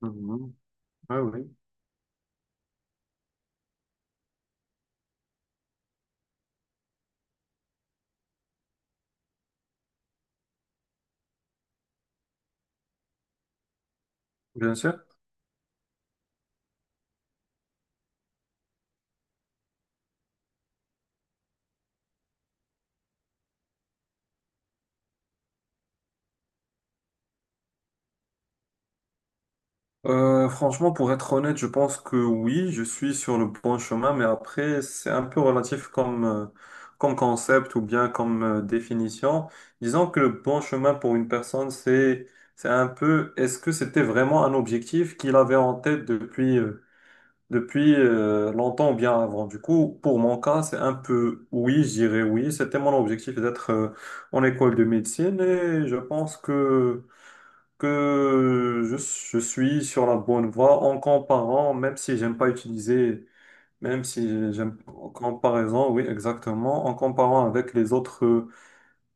Mhm. Ouais, oui, bien sûr. Franchement, pour être honnête, je pense que oui, je suis sur le bon chemin, mais après, c'est un peu relatif comme, comme concept ou bien comme définition. Disons que le bon chemin pour une personne, c'est un peu, est-ce que c'était vraiment un objectif qu'il avait en tête depuis, depuis longtemps ou bien avant? Du coup, pour mon cas, c'est un peu oui, je dirais oui. C'était mon objectif d'être en école de médecine et je pense que je suis sur la bonne voie en comparant, même si j'aime pas utiliser, même si j'aime en comparaison, oui, exactement, en comparant avec les autres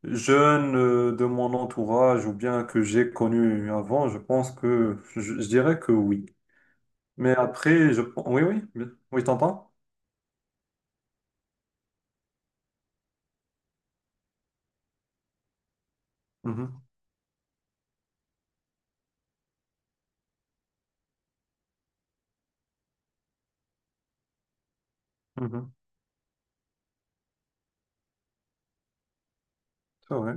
jeunes de mon entourage ou bien que j'ai connus avant, je pense que je dirais que oui. Mais après, oui, oui, oui, t'entends? Mhm, mhm, c'est vrai.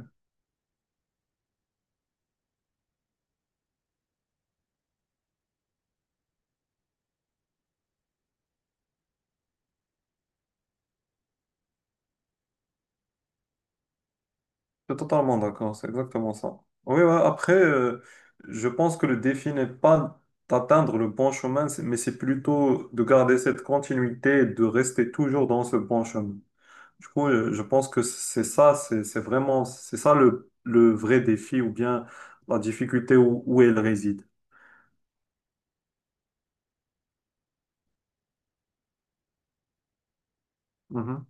Je suis totalement d'accord, c'est exactement ça. Oui, ouais, après, je pense que le défi n'est pas d'atteindre le bon chemin, mais c'est plutôt de garder cette continuité et de rester toujours dans ce bon chemin. Du coup, je pense que c'est ça, c'est vraiment, c'est ça le vrai défi ou bien la difficulté où elle réside. Mhm,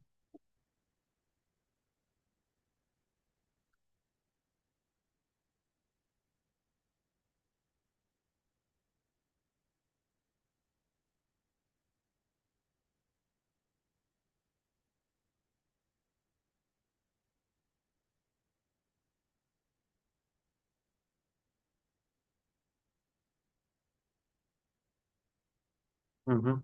mhm.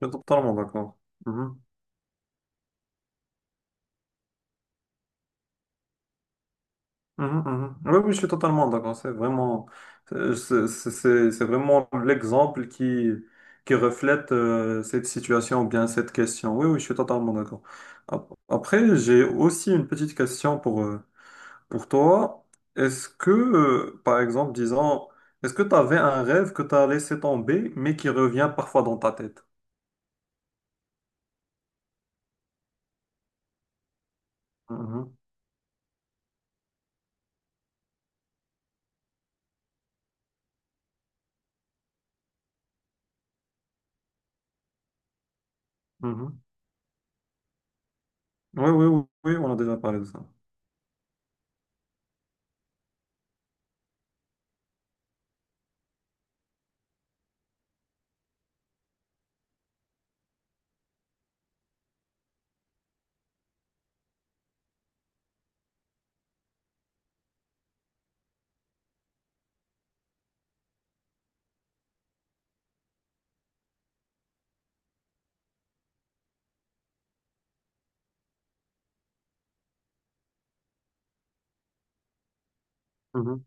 Je suis totalement d'accord. Mhm. Mhm, mhm. Oui, oui, je suis totalement d'accord. C'est vraiment, c'est vraiment l'exemple qui reflète cette situation ou bien cette question. Oui, oui, je suis totalement d'accord. Après, j'ai aussi une petite question pour toi. Est-ce que, par exemple, disons, est-ce que tu avais un rêve que tu as laissé tomber, mais qui revient parfois dans ta tête? Mhm, mhm. Oui, oui, oui, oui, on a déjà parlé de ça. Mhm,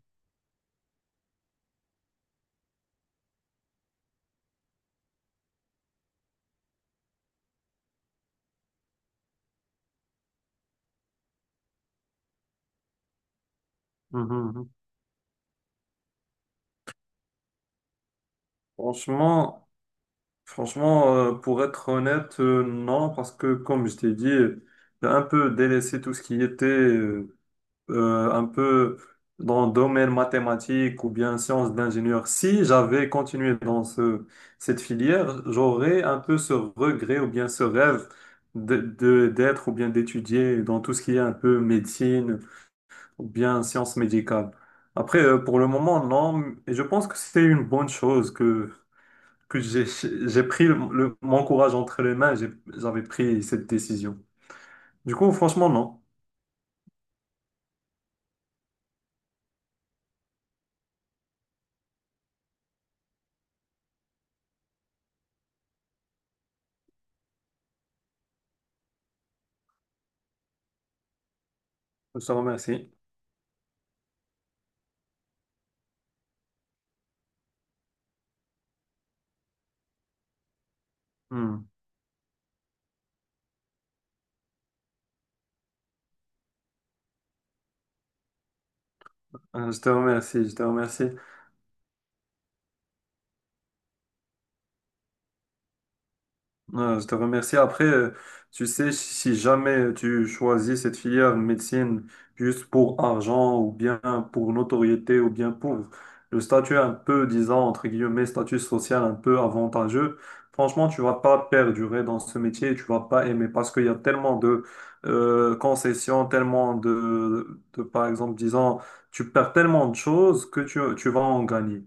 mhm, mhm. Franchement. Franchement, pour être honnête, non, parce que comme je t'ai dit, j'ai un peu délaissé tout ce qui était un peu dans le domaine mathématique ou bien sciences d'ingénieur. Si j'avais continué dans ce, cette filière, j'aurais un peu ce regret ou bien ce rêve d'être ou bien d'étudier dans tout ce qui est un peu médecine ou bien sciences médicales. Après, pour le moment, non, et je pense que c'est une bonne chose que j'ai pris le, mon courage entre les mains, j'avais pris cette décision. Du coup, franchement, non. Je te remercie. Hmm. Je te remercie, je te remercie. Je te remercie. Après, tu sais, si jamais tu choisis cette filière médecine juste pour argent ou bien pour notoriété ou bien pour le statut un peu, disons, entre guillemets, statut social un peu avantageux, franchement, tu vas pas perdurer dans ce métier, tu vas pas aimer parce qu'il y a tellement de concessions, tellement par exemple, disons, tu perds tellement de choses que tu vas en gagner.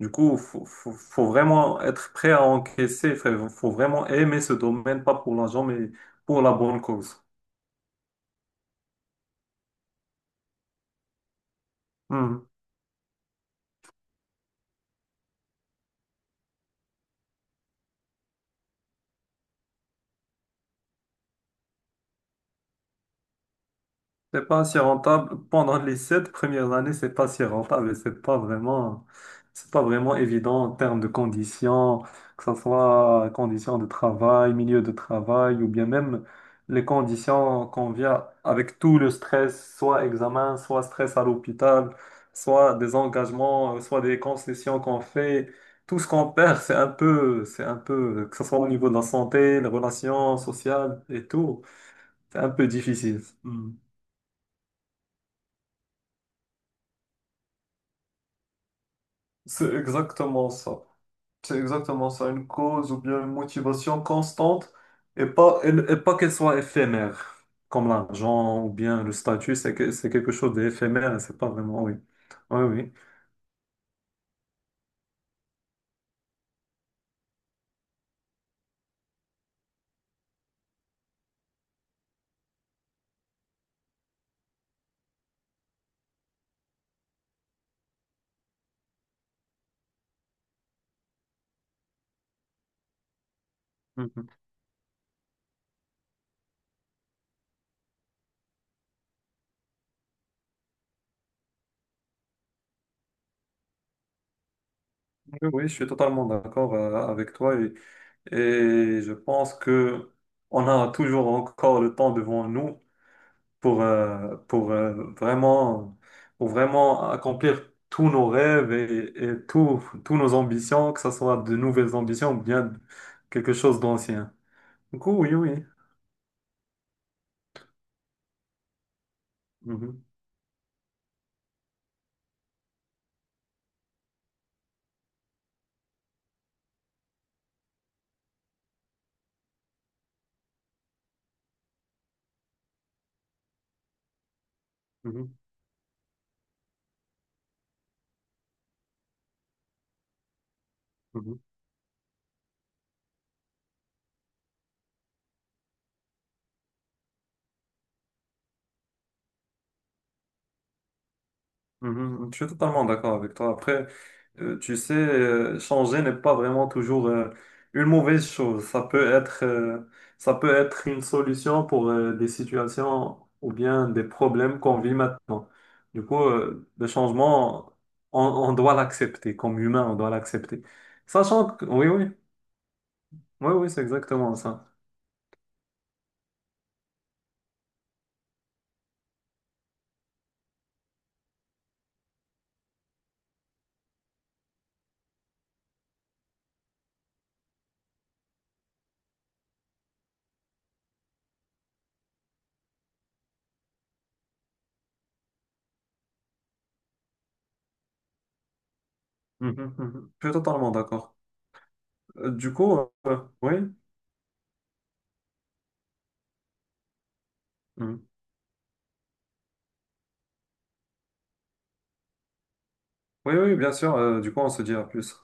Du coup, faut vraiment être prêt à encaisser, faut vraiment aimer ce domaine, pas pour l'argent, mais pour la bonne cause. C'est pas si rentable. Pendant les sept premières années, c'est pas si rentable et c'est pas vraiment évident en termes de conditions, que ce soit conditions de travail, milieu de travail ou bien même les conditions qu'on vient avec tout le stress, soit examen, soit stress à l'hôpital, soit des engagements, soit des concessions qu'on fait. Tout ce qu'on perd, c'est un peu, que ce soit au niveau de la santé, les relations sociales et tout, c'est un peu difficile. Hmm. C'est exactement ça. C'est exactement ça, une cause ou bien une motivation constante et pas, et pas qu'elle soit éphémère, comme l'argent ou bien le statut, c'est quelque chose d'éphémère et c'est pas vraiment, oui. Oui, oui. Mhm. Oui, oui, je suis totalement d'accord avec toi et je pense que on a toujours encore le temps devant nous pour, vraiment, pour vraiment accomplir tous nos rêves et tous nos ambitions, que ce soit de nouvelles ambitions ou bien quelque chose d'ancien. Du coup, oui, oui. Mhm, mhm, mhm. Mhm, je suis totalement d'accord avec toi. Après, tu sais, changer n'est pas vraiment toujours une mauvaise chose. Ça peut être une solution pour des situations ou bien des problèmes qu'on vit maintenant. Du coup, le changement, on doit l'accepter. Comme humain, on doit l'accepter. Sachant que, oui, oui, oui, oui, c'est exactement ça. Mhm, mhm, mhm. Je suis totalement d'accord. Du coup, oui, mhm. Oui, oui, bien sûr. Euh, du coup, on se dit à plus.